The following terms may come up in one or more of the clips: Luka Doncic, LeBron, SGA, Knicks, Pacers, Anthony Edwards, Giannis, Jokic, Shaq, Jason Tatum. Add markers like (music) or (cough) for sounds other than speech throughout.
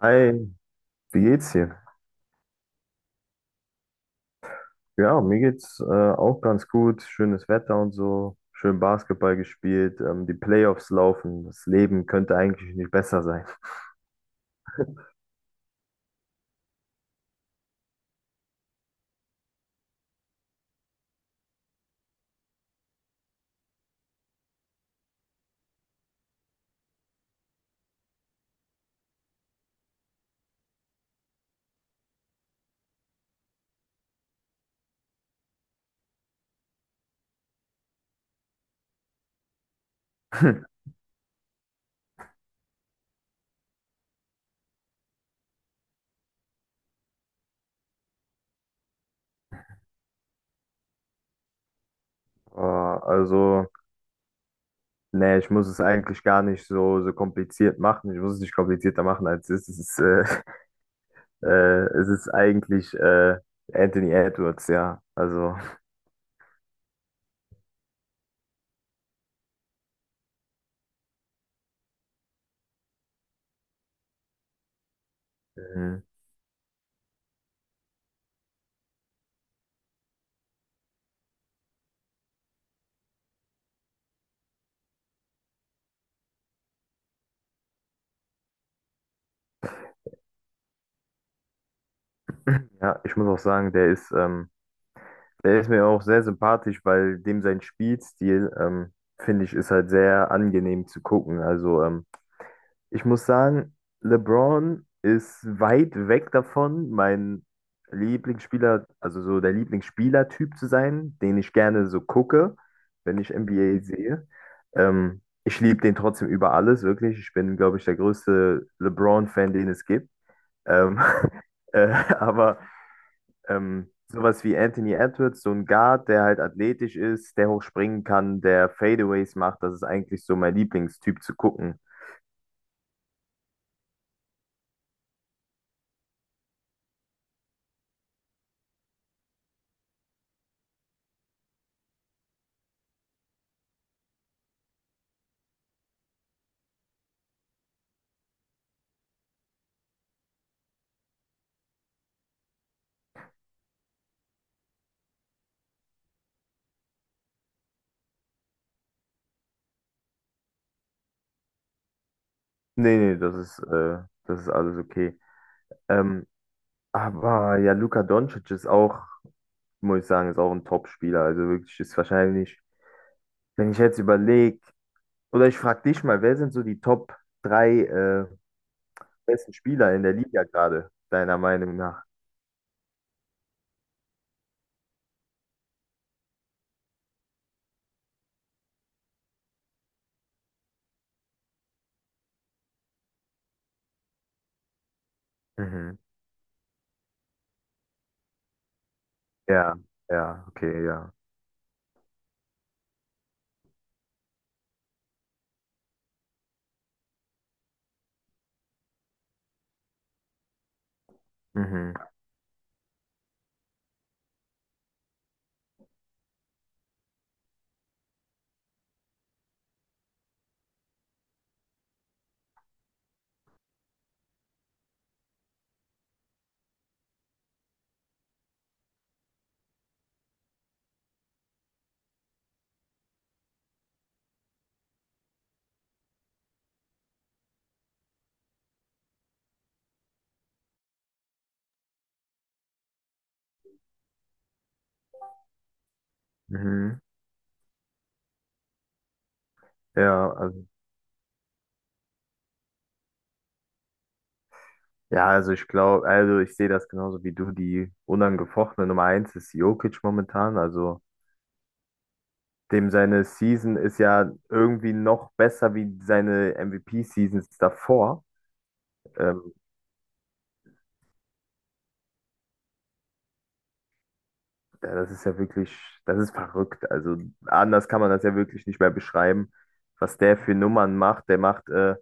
Hi, wie geht's dir? Ja, mir geht's auch ganz gut. Schönes Wetter und so. Schön Basketball gespielt. Die Playoffs laufen. Das Leben könnte eigentlich nicht besser sein. (laughs) Also, nee, ich muss es eigentlich gar nicht so kompliziert machen. Ich muss es nicht komplizierter machen, als es ist. Es ist, (laughs) es ist eigentlich Anthony Edwards, ja. Also, mhm. Ja, ich muss auch sagen, der ist mir auch sehr sympathisch, weil dem sein Spielstil, finde ich, ist halt sehr angenehm zu gucken. Also, ich muss sagen, LeBron ist weit weg davon, mein Lieblingsspieler, also so der Lieblingsspielertyp zu sein, den ich gerne so gucke, wenn ich NBA sehe. Ich liebe den trotzdem über alles, wirklich. Ich bin, glaube ich, der größte LeBron-Fan, den es gibt. Ähm, (laughs) äh, aber sowas wie Anthony Edwards, so ein Guard, der halt athletisch ist, der hoch springen kann, der Fadeaways macht. Das ist eigentlich so mein Lieblingstyp zu gucken. Nee, nee, das ist alles okay. Ähm, aber ja, Luka Doncic ist auch, muss ich sagen, ist auch ein Top-Spieler. Also wirklich ist wahrscheinlich, wenn ich jetzt überlege, oder ich frage dich mal, wer sind so die Top drei besten Spieler in der Liga gerade, deiner Meinung nach? Mhm. Ja, ja, okay, ja. Mhm. Mhm. Ja, also Ja, also ich glaube, also ich sehe das genauso wie du. Die unangefochtene Nummer eins ist Jokic momentan. Also dem seine Season ist ja irgendwie noch besser wie seine MVP-Seasons davor. Ähm, ja, das ist ja wirklich, das ist verrückt. Also anders kann man das ja wirklich nicht mehr beschreiben, was der für Nummern macht.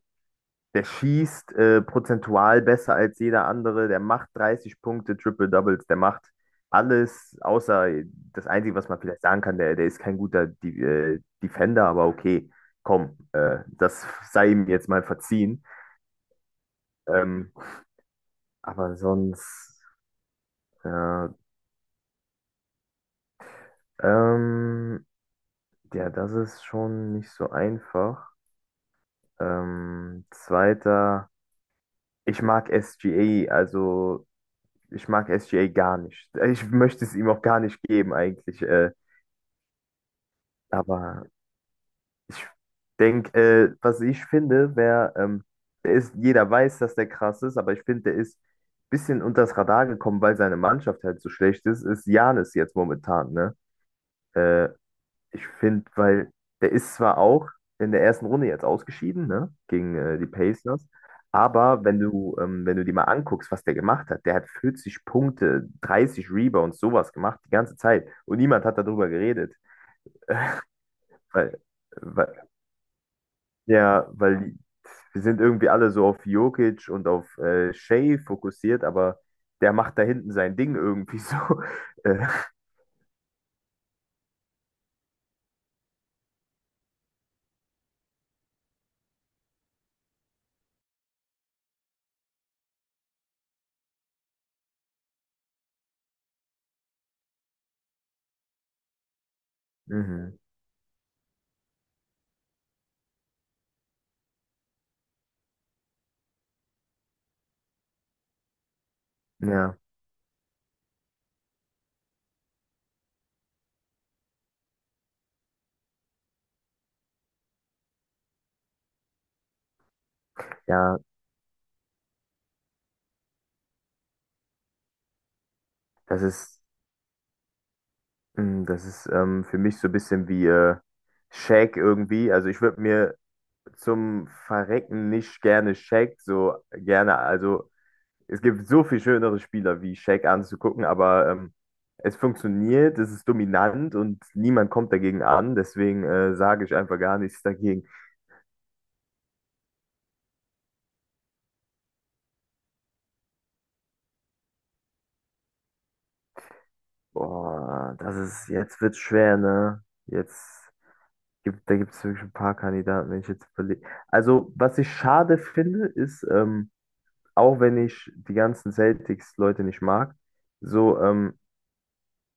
Der schießt prozentual besser als jeder andere. Der macht 30 Punkte, Triple Doubles. Der macht alles, außer das Einzige, was man vielleicht sagen kann, der ist kein guter De Defender, aber okay, komm, das sei ihm jetzt mal verziehen. Ähm, aber sonst, ja, ähm, ja, das ist schon nicht so einfach. Zweiter, ich mag SGA, also ich mag SGA gar nicht. Ich möchte es ihm auch gar nicht geben eigentlich. Aber ich denke, was ich finde, wäre, der ist, jeder weiß, dass der krass ist, aber ich finde, der ist ein bisschen unters Radar gekommen, weil seine Mannschaft halt so schlecht ist, ist Giannis jetzt momentan, ne? Äh, Ich finde, weil der ist zwar auch in der ersten Runde jetzt ausgeschieden, ne, gegen die Pacers, aber wenn du, wenn du dir mal anguckst, was der gemacht hat, der hat 40 Punkte, 30 Rebounds, sowas gemacht die ganze Zeit und niemand hat darüber geredet, weil, weil ja, wir sind irgendwie alle so auf Jokic und auf Shea fokussiert, aber der macht da hinten sein Ding irgendwie so. (laughs) Äh, mhm. Ja, ja, das ist Das ist für mich so ein bisschen wie Shaq irgendwie. Also ich würde mir zum Verrecken nicht gerne Shaq so gerne. Also es gibt so viel schönere Spieler wie Shaq anzugucken, aber es funktioniert, es ist dominant und niemand kommt dagegen an. Deswegen sage ich einfach gar nichts dagegen. Boah, das ist, jetzt wird's schwer, ne? Da gibt es wirklich ein paar Kandidaten, wenn ich jetzt überlege. Also was ich schade finde, ist, auch wenn ich die ganzen Celtics-Leute nicht mag, so,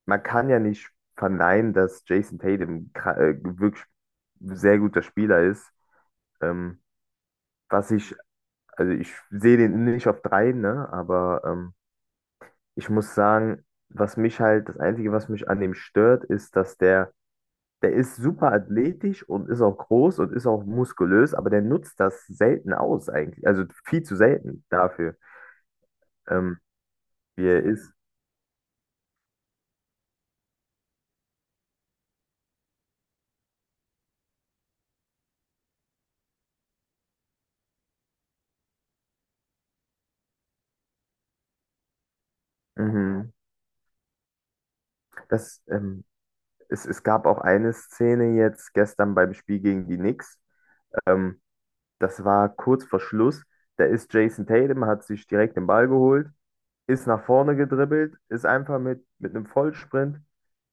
man kann ja nicht verneinen, dass Jason Tatum wirklich sehr guter Spieler ist. Ähm, was ich, also ich sehe den nicht auf drei, ne, aber ich muss sagen, was mich halt, das Einzige, was mich an dem stört, ist, dass der ist super athletisch und ist auch groß und ist auch muskulös, aber der nutzt das selten aus eigentlich, also viel zu selten dafür, ähm, wie er ist. Mhm. Das, ähm, es gab auch eine Szene jetzt gestern beim Spiel gegen die Knicks. Ähm, Das war kurz vor Schluss. Da ist Jason Tatum, hat sich direkt den Ball geholt, ist nach vorne gedribbelt, ist einfach mit einem Vollsprint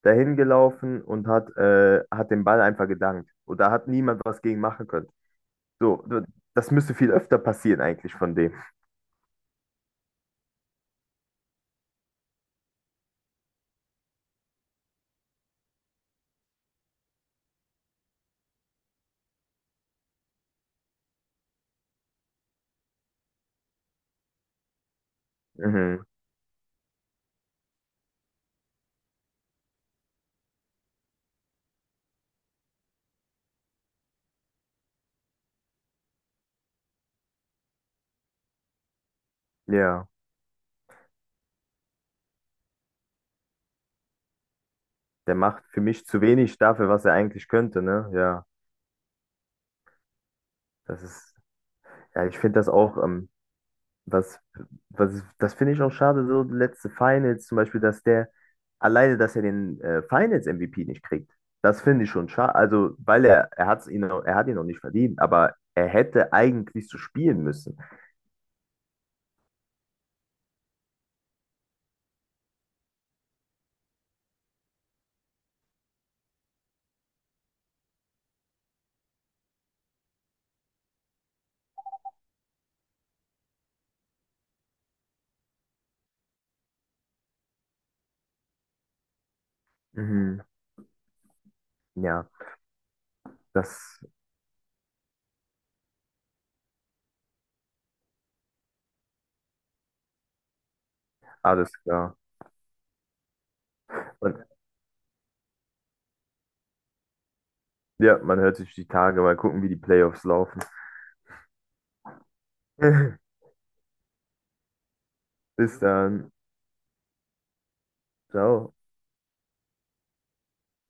dahin gelaufen und hat den Ball einfach gedankt. Und da hat niemand was gegen machen können. So, das müsste viel öfter passieren eigentlich von dem. Mhm. Ja, der macht für mich zu wenig dafür, was er eigentlich könnte, ne? Ja, das ist, ja, ich finde das auch. Was, Das finde ich auch schade, so letzte Finals zum Beispiel, dass dass er den Finals-MVP nicht kriegt. Das finde ich schon schade. Also, weil er hat ihn noch nicht verdient, aber er hätte eigentlich so spielen müssen. Mhm. Ja, das alles klar. Und, ja, man hört sich die Tage, mal gucken, wie die Playoffs laufen. (laughs) Bis dann. Ciao.